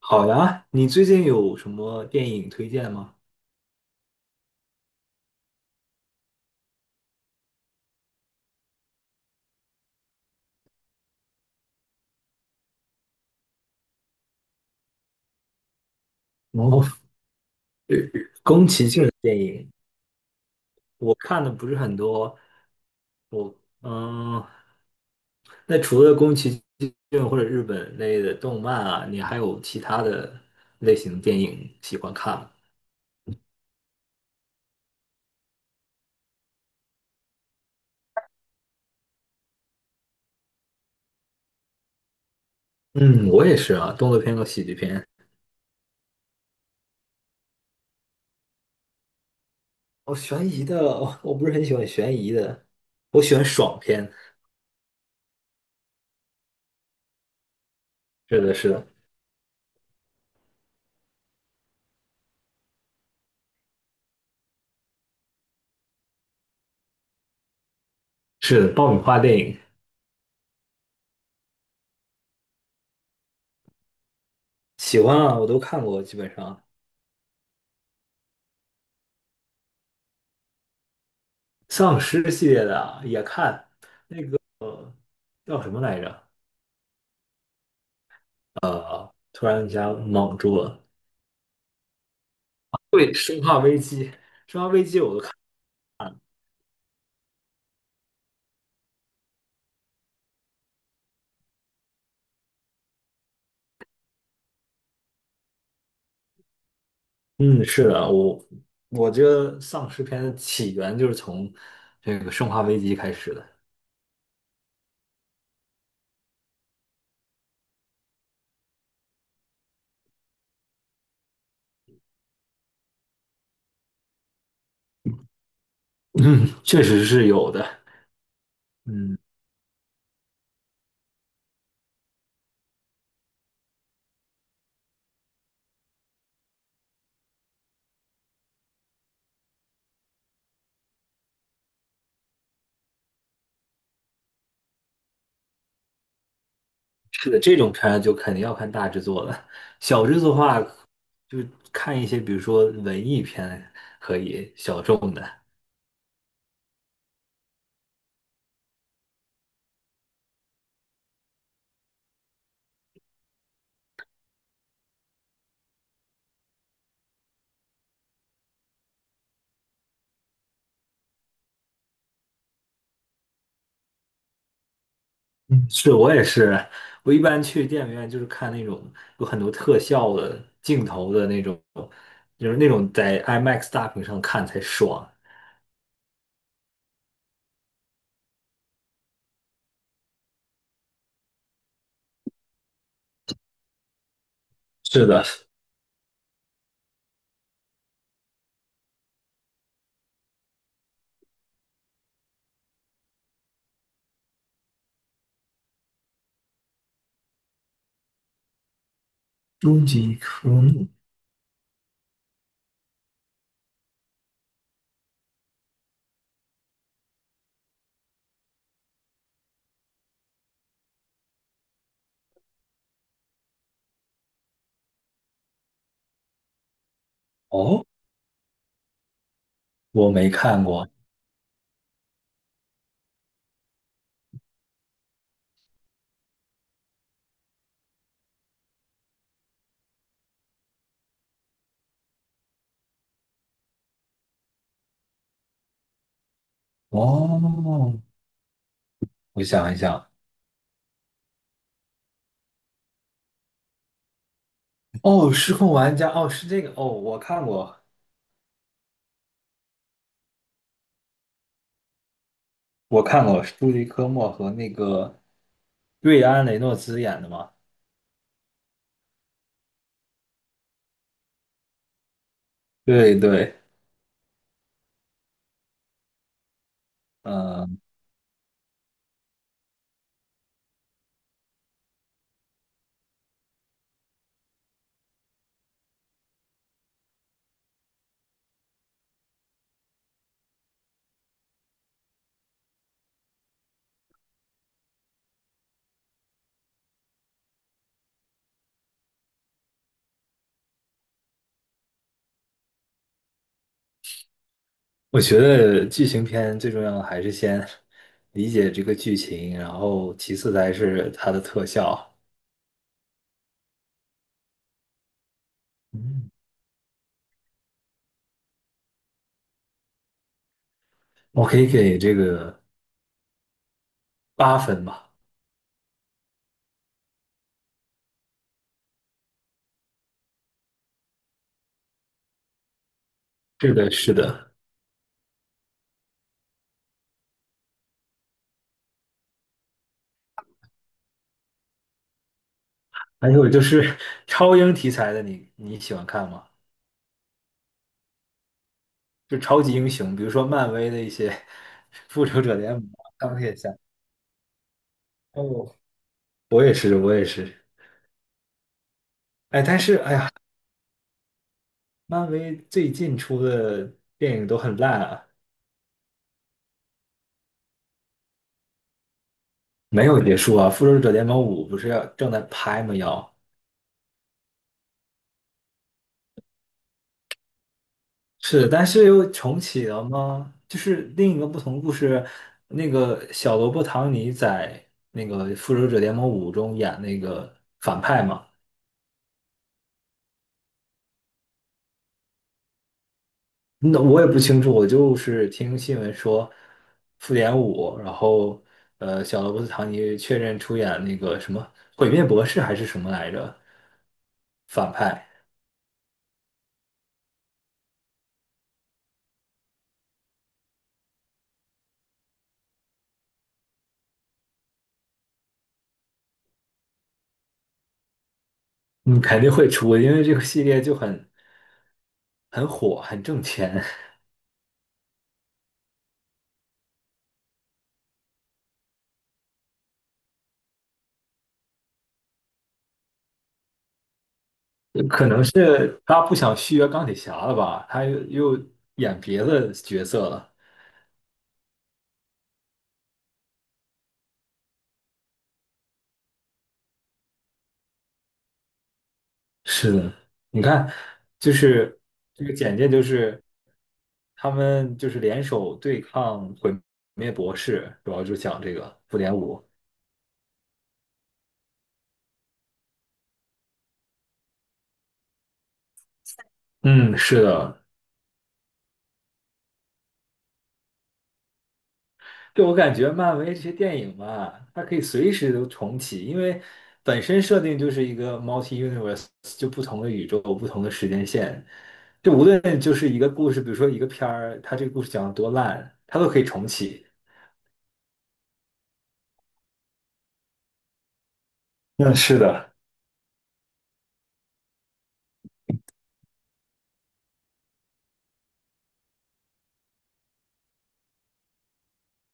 好呀，你最近有什么电影推荐吗？哦，宫崎骏的电影我看的不是很多，我嗯，那除了宫崎骏或者日本类的动漫啊，你还有其他的类型的电影喜欢看吗？嗯，我也是啊，动作片和喜剧片。哦，悬疑的，我不是很喜欢悬疑的，我喜欢爽片。是的，是的，是的，爆米花电影喜欢啊，我都看过，基本上丧尸系列的啊也看。呃叫什么来着？突然一下懵住了。对，《生化危机》，《生化危机》我都看。嗯，是的，我觉得丧尸片的起源就是从这个《生化危机》开始的 嗯，确实是有的。嗯，是的，这种片儿就肯定要看大制作了。小制作的话，就看一些，比如说文艺片可以，小众的。嗯，是我也是，我一般去电影院就是看那种有很多特效的镜头的那种，就是那种在 IMAX 大屏上看才爽。是的，终极科目哦，我没看过哦，我想一想，哦，失控玩家，哦，是这个，哦，我看过，是朱迪科莫和那个瑞安雷诺兹演的嘛？对对，嗯。我觉得剧情片最重要的还是先理解这个剧情，然后其次才是它的特效。嗯，我可以给这个8分吧。是的，是的。还有就是超英题材的你喜欢看吗？就超级英雄，比如说漫威的一些《复仇者联盟》钢铁侠。哦，我也是，我也是。哎，但是哎呀，漫威最近出的电影都很烂啊，没有结束啊。《复仇者联盟五》不是要正在拍吗？要。是，但是又重启了吗？就是另一个不同的故事，那个小罗伯·唐尼在那个《复仇者联盟五》中演那个反派嘛。那我也不清楚，我就是听新闻说复联五，然后小罗伯特·唐尼确认出演那个什么毁灭博士还是什么来着反派，嗯，肯定会出，因为这个系列就很火，很挣钱。可能是他不想续约钢铁侠了吧？他又演别的角色了。是的，你看，就是这个简介，就是他们就是联手对抗毁灭博士，主要就讲这个复联五。嗯，是的，对，我感觉漫威这些电影嘛，它可以随时都重启，因为本身设定就是一个 multi universe，就不同的宇宙、不同的时间线。就无论就是一个故事，比如说一个片儿，它这个故事讲的多烂，它都可以重启。嗯，是的。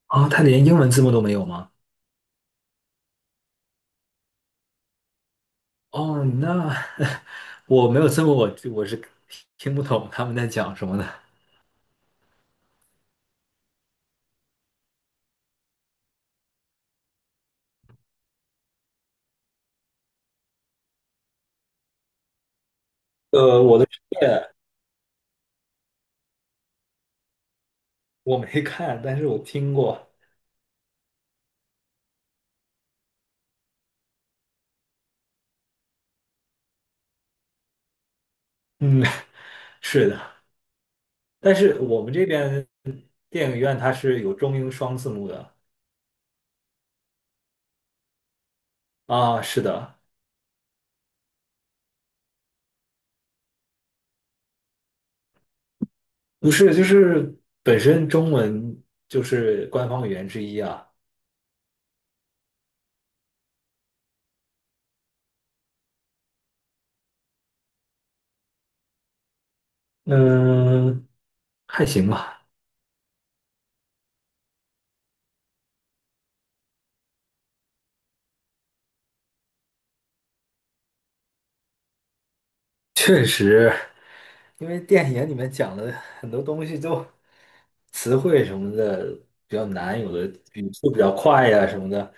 啊，它连英文字幕都没有吗？哦，那 我没有字幕，我是听不懂他们在讲什么的。我的世界我没看，但是我听过。嗯，是的。但是我们这边电影院它是有中英双字幕的啊，是的，不是，就是本身中文就是官方语言之一啊，嗯，还行吧，确实，因为电影里面讲的很多东西都词汇什么的比较难，有的语速比较快呀、什么的，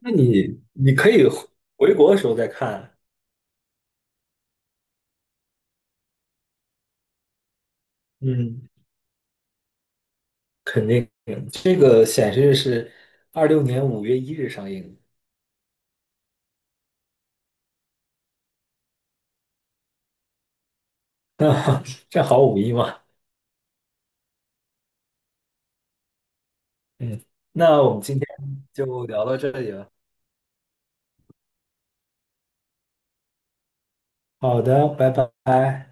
那你可以回国的时候再看，嗯，肯定，这个显示是2026年5月1日上映。那 正好五一嘛，嗯，那我们今天就聊到这里了。好的，拜拜。